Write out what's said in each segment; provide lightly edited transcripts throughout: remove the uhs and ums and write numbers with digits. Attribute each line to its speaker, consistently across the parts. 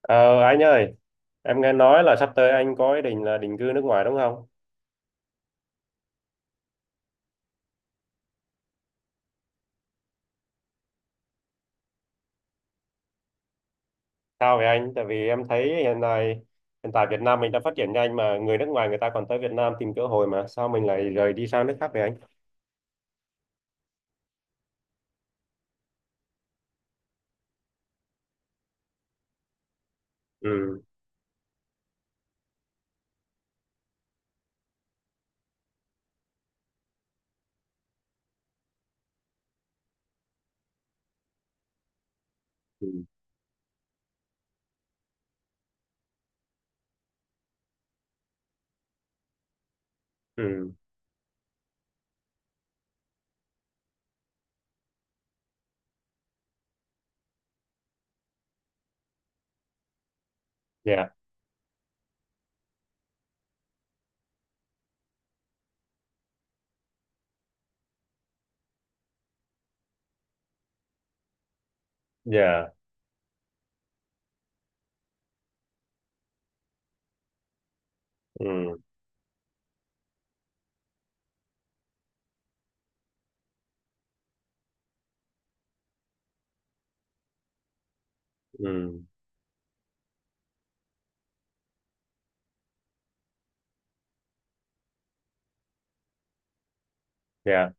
Speaker 1: Ờ, anh ơi, em nghe nói là sắp tới anh có ý định là định cư nước ngoài đúng không? Sao vậy anh? Tại vì em thấy hiện tại Việt Nam mình đã phát triển nhanh mà người nước ngoài người ta còn tới Việt Nam tìm cơ hội mà sao mình lại rời đi sang nước khác vậy anh? Ừ, ừ, ừ, dạ, dạ, ừ, ừ, dạ.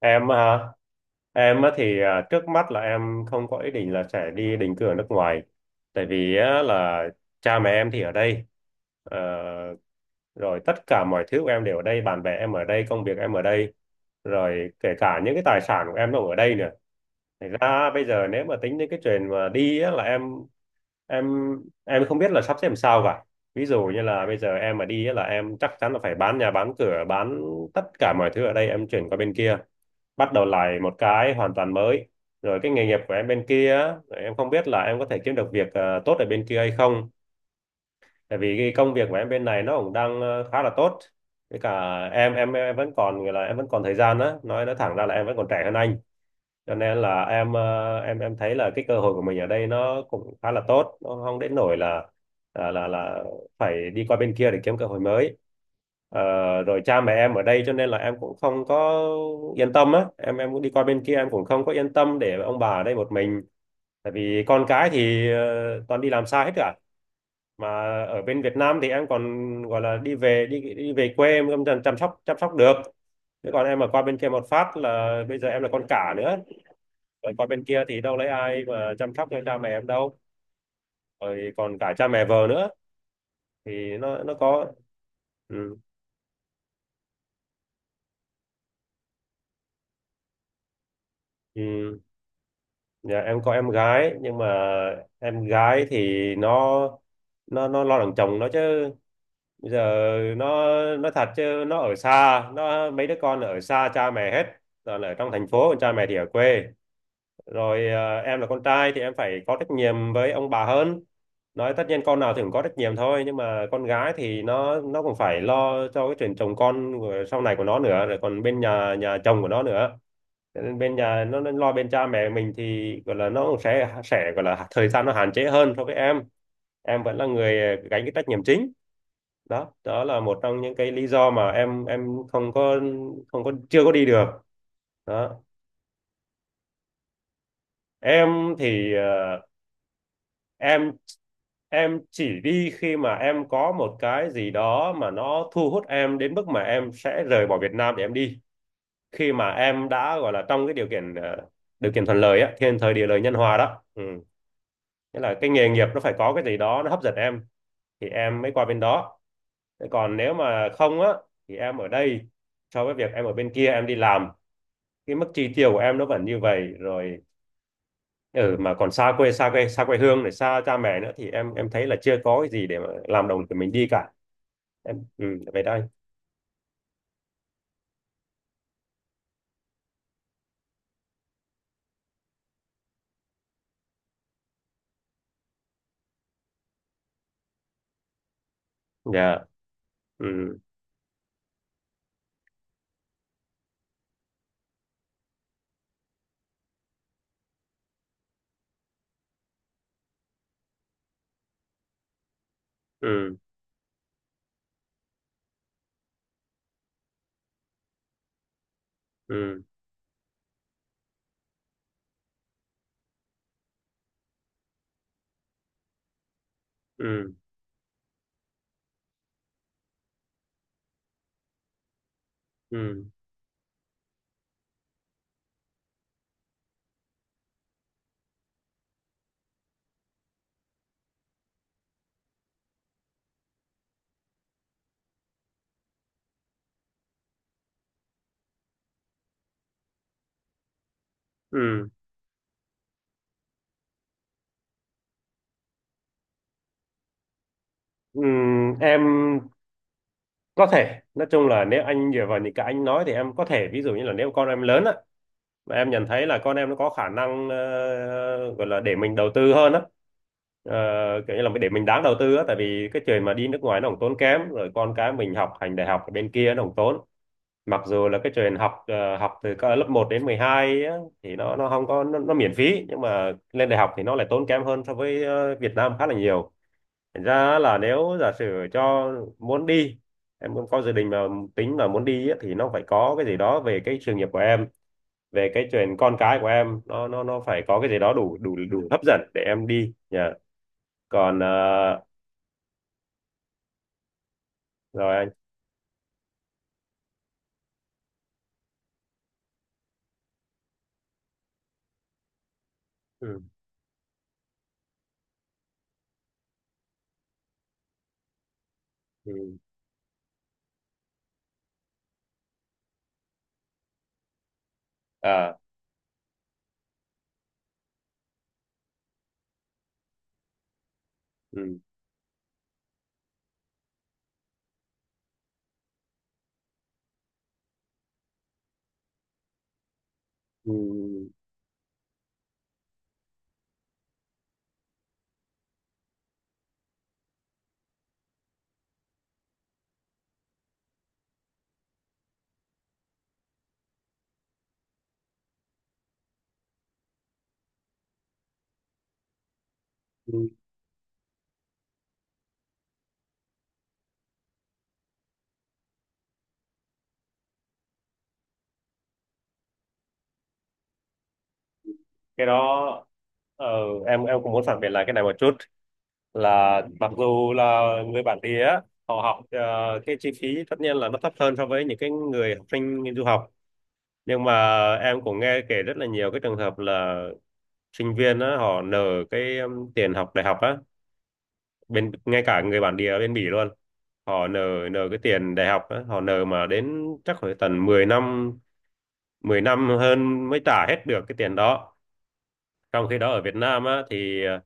Speaker 1: Em á hả? Em á thì trước mắt là em không có ý định là sẽ đi định cư ở nước ngoài, tại vì á, là cha mẹ em thì ở đây. Ờ, Rồi tất cả mọi thứ của em đều ở đây, bạn bè em ở đây, công việc em ở đây, rồi kể cả những cái tài sản của em nó cũng ở đây nữa. Thật ra bây giờ nếu mà tính đến cái chuyện mà đi á, là em em không biết là sắp xếp làm sao cả. Ví dụ như là bây giờ em mà đi á, là em chắc chắn là phải bán nhà bán cửa bán tất cả mọi thứ ở đây, em chuyển qua bên kia, bắt đầu lại một cái hoàn toàn mới. Rồi cái nghề nghiệp của em bên kia á, em không biết là em có thể kiếm được việc tốt ở bên kia hay không, tại vì cái công việc của em bên này nó cũng đang khá là tốt. Với cả em vẫn còn gọi là em vẫn còn thời gian á, nói thẳng ra là em vẫn còn trẻ hơn anh. Cho nên là em thấy là cái cơ hội của mình ở đây nó cũng khá là tốt, nó không đến nỗi là là phải đi qua bên kia để kiếm cơ hội mới. Ờ, Rồi cha mẹ em ở đây cho nên là em cũng không có yên tâm á, em cũng đi qua bên kia em cũng không có yên tâm để ông bà ở đây một mình, tại vì con cái thì toàn đi làm xa hết cả, mà ở bên Việt Nam thì em còn gọi là đi về đi đi về quê em chăm chăm sóc được. Thế còn em mà qua bên kia một phát là bây giờ em là con cả nữa, rồi còn bên kia thì đâu lấy ai mà chăm sóc cho cha mẹ em đâu. Rồi còn cả cha mẹ vợ nữa, thì nó có. Ừ. Ừ. Dạ, em có em gái nhưng mà em gái thì nó lo đằng chồng nó chứ. Bây giờ nó nó thật chứ, nó ở xa, nó mấy đứa con ở xa cha mẹ hết, rồi là ở trong thành phố còn cha mẹ thì ở quê. Rồi em là con trai thì em phải có trách nhiệm với ông bà hơn, nói tất nhiên con nào thì cũng có trách nhiệm thôi, nhưng mà con gái thì nó cũng phải lo cho cái chuyện chồng con của- sau này của nó nữa, rồi còn bên nhà nhà chồng của nó nữa. Cho nên bên nhà nó lo bên cha mẹ mình thì gọi là nó cũng sẽ gọi là thời gian nó hạn chế hơn so với em. Em vẫn là người gánh cái trách nhiệm chính, đó đó là một trong những cái lý do mà em không có không có chưa có đi được đó. Em thì ờ, em em chỉ đi khi mà em có một cái gì đó mà nó thu hút em đến mức mà em sẽ rời bỏ Việt Nam để em đi, khi mà em đã gọi là trong cái điều kiện thuận lợi á, thiên thời địa lợi nhân hòa đó. Ừ. Nghĩa là cái nghề nghiệp nó phải có cái gì đó nó hấp dẫn em thì em mới qua bên đó. Thế còn nếu mà không á thì em ở đây, so với việc em ở bên kia em đi làm, cái mức chi tiêu của em nó vẫn như vậy rồi. Ừ, mà còn xa quê xa quê hương này xa cha mẹ nữa, thì em thấy là chưa có cái gì để mà làm đồng của mình đi cả. Em ừ, về đây. Dạ, ừ, ừ, ừ, ừ, ừ, ừ. Ừ, em có thể nói chung là nếu anh dựa vào những cái anh nói thì em có thể ví dụ như là nếu con em lớn á, mà em nhận thấy là con em nó có khả năng gọi là để mình đầu tư hơn á, ờ, kiểu như là để mình đáng đầu tư á, tại vì cái chuyện mà đi nước ngoài nó cũng tốn kém, rồi con cái mình học hành đại học ở bên kia nó cũng tốn. Mặc dù là cái chuyện học từ cỡ lớp một đến 12 á, thì nó không có nó miễn phí, nhưng mà lên đại học thì nó lại tốn kém hơn so với Việt Nam khá là nhiều. Thành ra là nếu giả sử cho muốn đi, em cũng có dự định mà tính mà muốn đi á, thì nó phải có cái gì đó về cái sự nghiệp của em, về cái chuyện con cái của em nó phải có cái gì đó đủ đủ đủ hấp dẫn để em đi nhờ. Còn rồi anh. Ừ, ừ, à, ừ, ừ, ừ. Cái đó ờ, em cũng muốn phản biện lại cái này một chút, là mặc dù là người bản địa á, họ cái chi phí tất nhiên là nó thấp hơn so với những cái người học sinh du học, nhưng mà em cũng nghe kể rất là nhiều cái trường hợp là sinh viên á, họ nợ cái tiền học đại học á, bên ngay cả người bản địa ở bên Bỉ luôn họ nợ, nợ cái tiền đại học á, họ nợ mà đến chắc phải tận 10 năm, 10 năm hơn mới trả hết được cái tiền đó. Trong khi đó ở Việt Nam á thì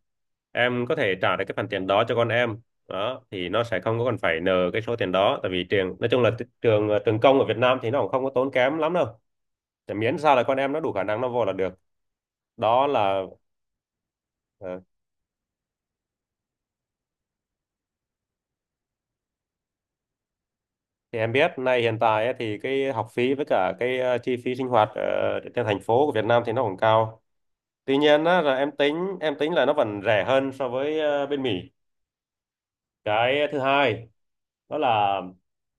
Speaker 1: em có thể trả được cái phần tiền đó cho con em. Đó thì nó sẽ không có cần phải nợ cái số tiền đó, tại vì trường nói chung là trường công ở Việt Nam thì nó cũng không có tốn kém lắm đâu. Thì miễn sao là con em nó đủ khả năng nó vô là được. Đó là ờ, thì em biết nay hiện tại á, thì cái học phí với cả cái chi phí sinh hoạt ở trên thành phố của Việt Nam thì nó cũng cao. Tuy nhiên á, là em tính là nó vẫn rẻ hơn so với bên Mỹ. Cái thứ hai đó là,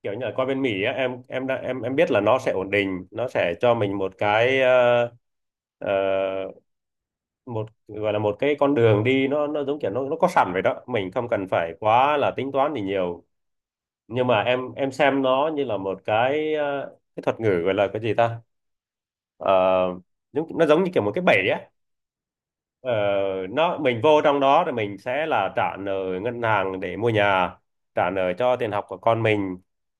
Speaker 1: kiểu như là qua bên Mỹ á, em đã em biết là nó sẽ ổn định, nó sẽ cho mình một cái ờ, một gọi là một cái con đường đi, nó giống kiểu nó có sẵn vậy đó, mình không cần phải quá là tính toán gì nhiều. Nhưng mà em xem nó như là một cái cái thuật ngữ gọi là cái gì ta. Ờ, Giống nó giống như kiểu một cái bẫy á. Ờ, nó mình vô trong đó rồi mình sẽ là trả nợ ngân hàng để mua nhà, trả nợ cho tiền học của con mình,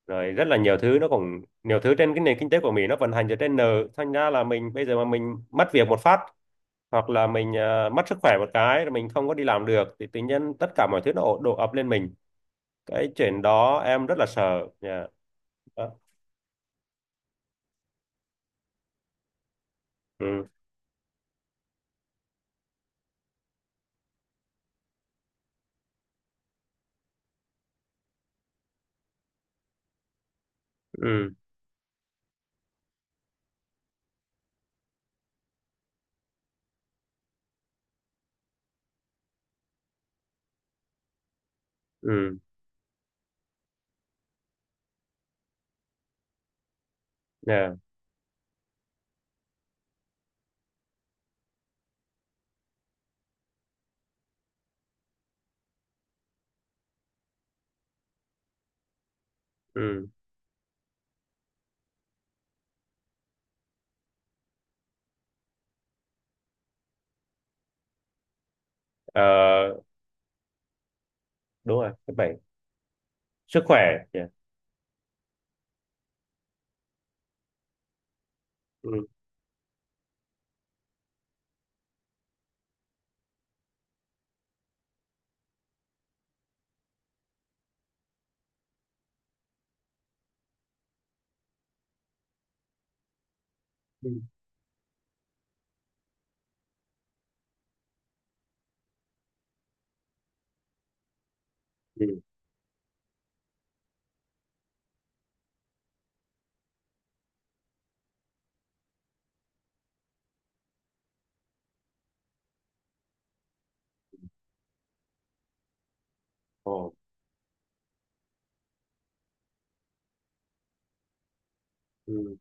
Speaker 1: rồi rất là nhiều thứ, nó cũng nhiều thứ trên cái nền kinh tế của mình nó vận hành dựa trên nợ, thành ra là mình bây giờ mà mình mất việc một phát, hoặc là mình mất sức khỏe một cái rồi mình không có đi làm được thì tự nhiên tất cả mọi thứ nó đổ ập lên mình. Cái chuyện đó em rất là sợ nha. Đó. Ừ, ừ, ừ, yeah. Ừ. Ờ, Đúng rồi thứ bảy. Sức khỏe. Yeah. Ừ, ừ, ừ. Ồ. Ừ,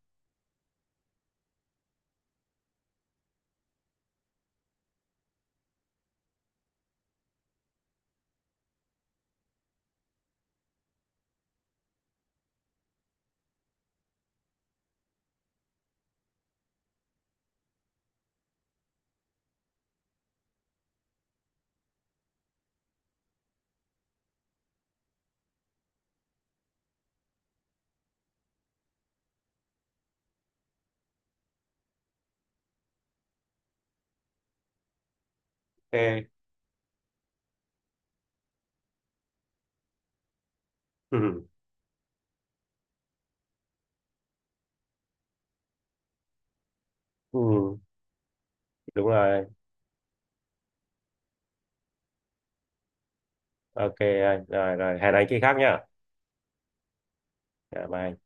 Speaker 1: ok. Ừ, ừ, đúng rồi. OK anh. Rồi rồi hẹn anh khi khác nhá. Dạ, bye.